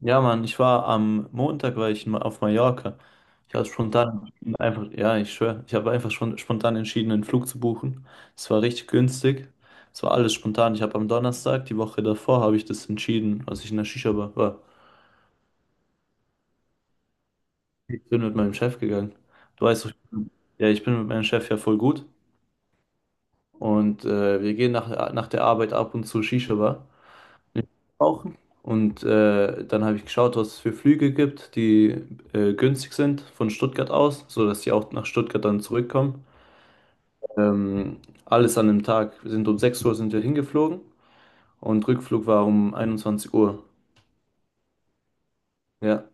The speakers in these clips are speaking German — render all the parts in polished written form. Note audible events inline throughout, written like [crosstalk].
Ja, Mann, ich war am Montag war ich in- Ma- auf Mallorca. Ich habe spontan entschieden, einfach, ja, ich schwöre, ich habe einfach schon spontan entschieden, einen Flug zu buchen. Es war richtig günstig. Es war alles spontan. Ich habe am Donnerstag, die Woche davor, habe ich das entschieden, als ich in der Shisha-Bar war. Ich bin mit meinem Chef gegangen. Du weißt, doch, ich bin- Ja, ich bin mit meinem Chef ja voll gut. Und wir gehen nach der Arbeit ab und zu Shisha-Bar. Brauchen. Und dann habe ich geschaut, was es für Flüge gibt, die günstig sind von Stuttgart aus, sodass sie auch nach Stuttgart dann zurückkommen. Ähm, alles an dem Tag. Wir sind um 6 Uhr sind wir hingeflogen und Rückflug war um 21 Uhr. Ja,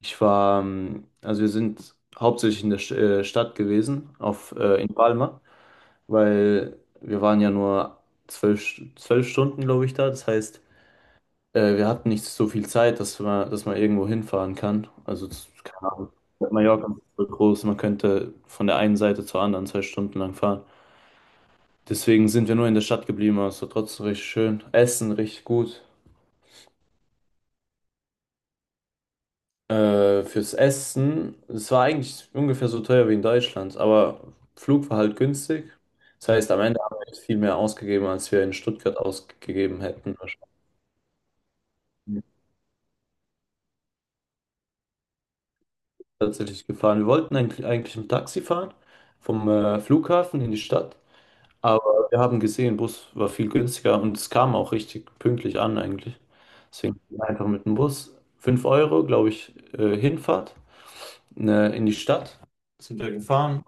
ich war, also wir sind hauptsächlich in der St Stadt gewesen, in Palma, weil wir waren ja nur zwölf Stunden, glaube ich, da. Das heißt, wir hatten nicht so viel Zeit, dass man irgendwo hinfahren kann. Also, keine Ahnung. Mallorca ist so groß, man könnte von der einen Seite zur anderen 2 Stunden lang fahren. Deswegen sind wir nur in der Stadt geblieben, aber es war trotzdem richtig schön. Essen richtig gut. Fürs Essen, es war eigentlich ungefähr so teuer wie in Deutschland, aber Flug war halt günstig. Das heißt, am Ende haben wir jetzt viel mehr ausgegeben, als wir in Stuttgart ausgegeben hätten. Wahrscheinlich tatsächlich gefahren. Wir wollten eigentlich ein Taxi fahren vom Flughafen in die Stadt. Aber wir haben gesehen, Bus war viel günstiger und es kam auch richtig pünktlich an eigentlich. Deswegen einfach mit dem Bus. 5 Euro, glaube ich, Hinfahrt ne, in die Stadt. Sind wir gefahren.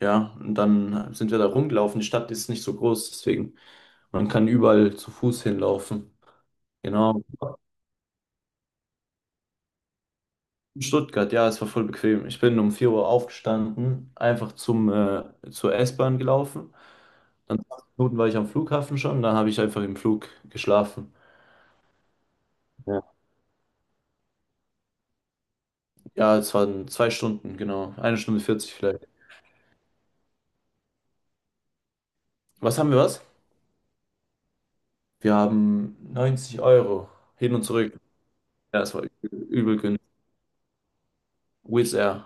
Ja, und dann sind wir da rumgelaufen. Die Stadt ist nicht so groß, deswegen man kann überall zu Fuß hinlaufen. Genau. In Stuttgart, ja, es war voll bequem. Ich bin um 4 Uhr aufgestanden, einfach zur S-Bahn gelaufen. Dann 20 Minuten war ich am Flughafen schon, dann habe ich einfach im Flug geschlafen. Ja, es waren 2 Stunden, genau. 1 Stunde 40 vielleicht. Was haben wir was? Wir haben 90 Euro hin und zurück. Ja, es war übel, übel günstig. Wizz Air.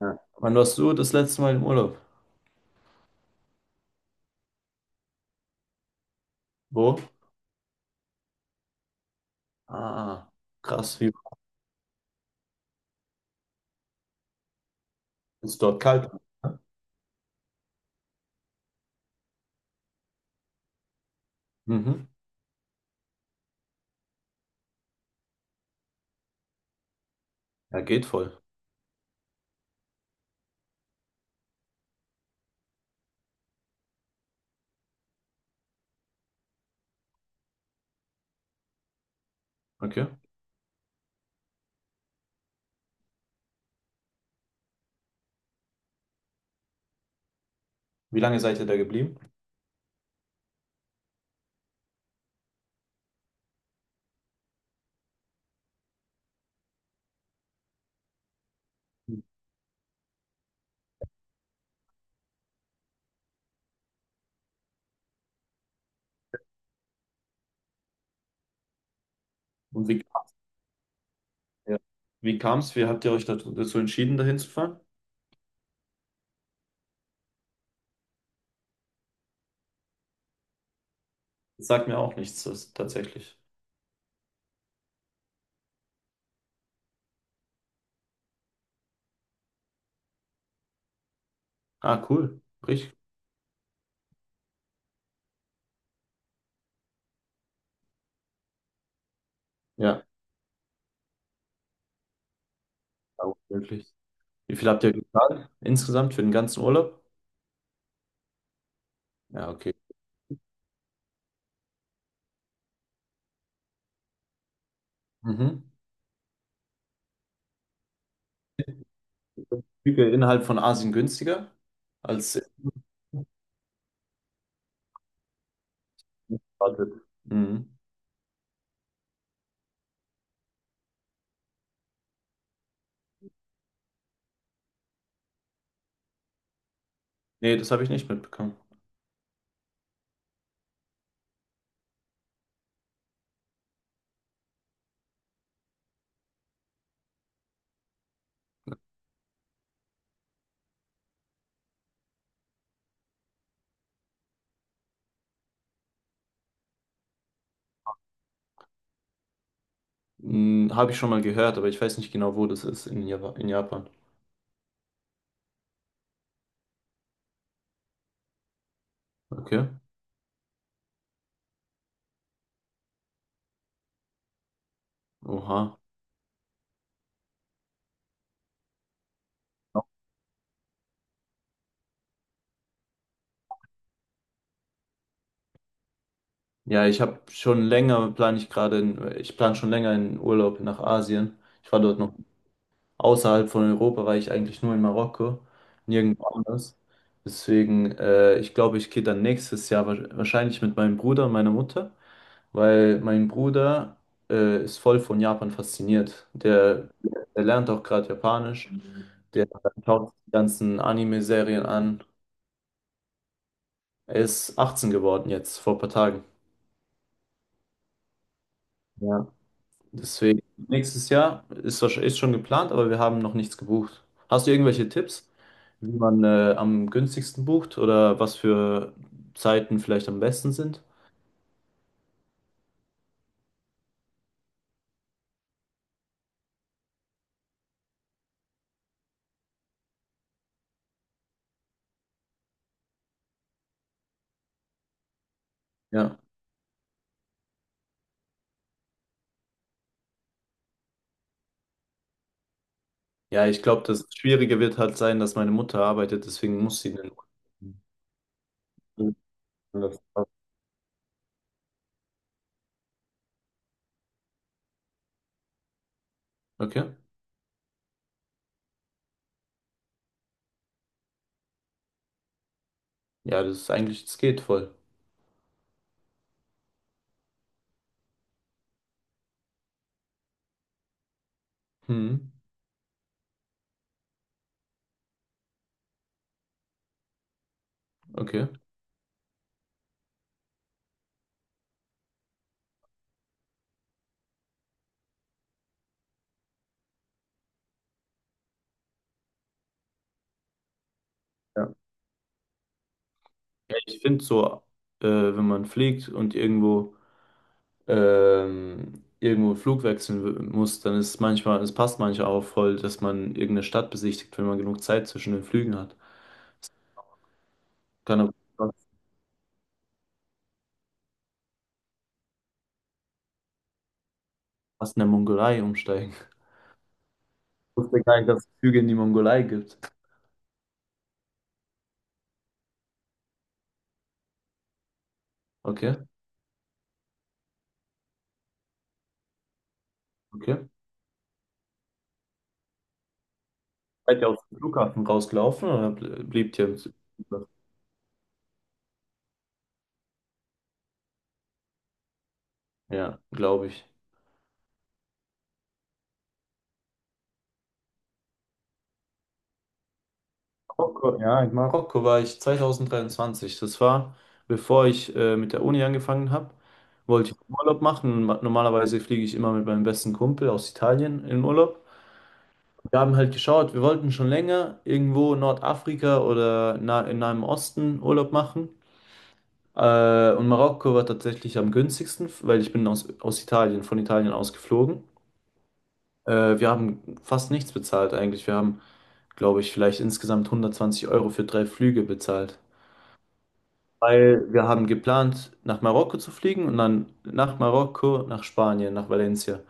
Ja. Wann warst du das letzte Mal im Urlaub? Wo? Ah, krass, wie ist dort kalt? Mhm. Ja, geht voll. Okay. Wie lange seid ihr da geblieben? Und wie, ja. Wie kam es? Wie habt ihr euch dazu entschieden, dahin zu fahren? Das sagt mir auch nichts, das, tatsächlich. Ah, cool. Richtig. Ja, ja, wirklich. Wie viel habt ihr gezahlt insgesamt für den ganzen Urlaub? Ja, okay. Mhm. Flüge innerhalb von Asien günstiger als erwartet. Mhm. Nee, das habe ich nicht mitbekommen. Mhm, habe ich schon mal gehört, aber ich weiß nicht genau, wo das ist in Java in Japan. Okay. Oha. Ja, ich habe schon länger, plane ich gerade, in, ich plane schon länger einen Urlaub nach Asien. Ich war dort noch außerhalb von Europa war ich eigentlich nur in Marokko, nirgendwo anders. Deswegen, ich glaube, ich gehe dann nächstes Jahr wahrscheinlich mit meinem Bruder und meiner Mutter, weil mein Bruder ist voll von Japan fasziniert. Der, der lernt auch gerade Japanisch, der schaut die ganzen Anime-Serien an. Er ist 18 geworden jetzt, vor ein paar Tagen. Ja. Deswegen, nächstes Jahr ist, ist schon geplant, aber wir haben noch nichts gebucht. Hast du irgendwelche Tipps, wie man am günstigsten bucht oder was für Zeiten vielleicht am besten sind? Ja. Ja, ich glaube, das Schwierige wird halt sein, dass meine Mutter arbeitet, deswegen muss sie den. Okay. Ja, das ist eigentlich, das geht voll. Hm, okay. Ja. Ja, ich finde so, wenn man fliegt und irgendwo irgendwo einen Flug wechseln muss, dann ist es manchmal, es passt manchmal auch voll, dass man irgendeine Stadt besichtigt, wenn man genug Zeit zwischen den Flügen hat. Kann aber fast in der Mongolei umsteigen. [laughs] Ich wusste gar nicht, dass es Flüge in die Mongolei gibt. Okay, okay. Seid ihr aus dem Flughafen rausgelaufen oder bliebt ihr im Flughafen? Ja, glaube ich. Marokko, ja, in Marokko war ich 2023. Das war, bevor ich mit der Uni angefangen habe, wollte ich Urlaub machen. Normalerweise fliege ich immer mit meinem besten Kumpel aus Italien in Urlaub. Wir haben halt geschaut, wir wollten schon länger irgendwo in Nordafrika oder na in Nahem Osten Urlaub machen. Und Marokko war tatsächlich am günstigsten, weil ich bin aus Italien, von Italien aus geflogen. Wir haben fast nichts bezahlt eigentlich. Wir haben, glaube ich, vielleicht insgesamt 120 Euro für 3 Flüge bezahlt. Weil wir haben geplant, nach Marokko zu fliegen und dann nach Marokko, nach Spanien, nach Valencia,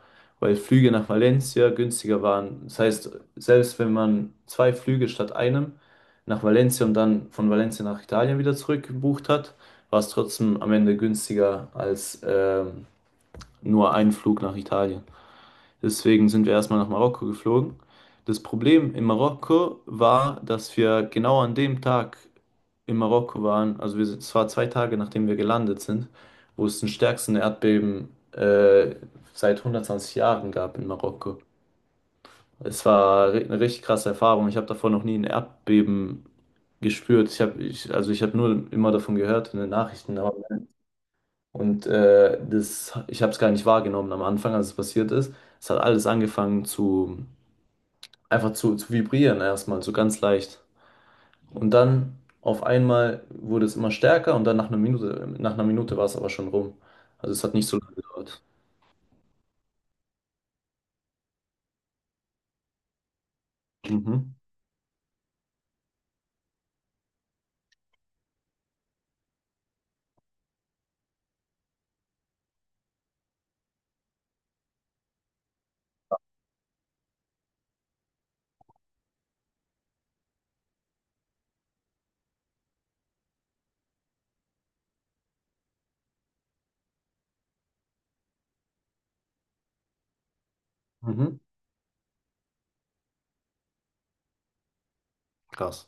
weil Flüge nach Valencia günstiger waren. Das heißt, selbst wenn man zwei Flüge statt einem nach Valencia und dann von Valencia nach Italien wieder zurück gebucht hat, war es trotzdem am Ende günstiger als nur ein Flug nach Italien. Deswegen sind wir erstmal nach Marokko geflogen. Das Problem in Marokko war, dass wir genau an dem Tag in Marokko waren, also wir sind, es war 2 Tage, nachdem wir gelandet sind, wo es den stärksten Erdbeben seit 120 Jahren gab in Marokko. Es war eine richtig krasse Erfahrung. Ich habe davor noch nie ein Erdbeben gespürt. Ich habe, ich, also ich habe nur immer davon gehört in den Nachrichten. Und das, ich habe es gar nicht wahrgenommen am Anfang, als es passiert ist. Es hat alles angefangen zu einfach zu vibrieren erstmal, so ganz leicht. Und dann auf einmal wurde es immer stärker und dann nach einer Minute war es aber schon rum. Also es hat nicht so lange gedauert. Mhm. Mhm. Krass.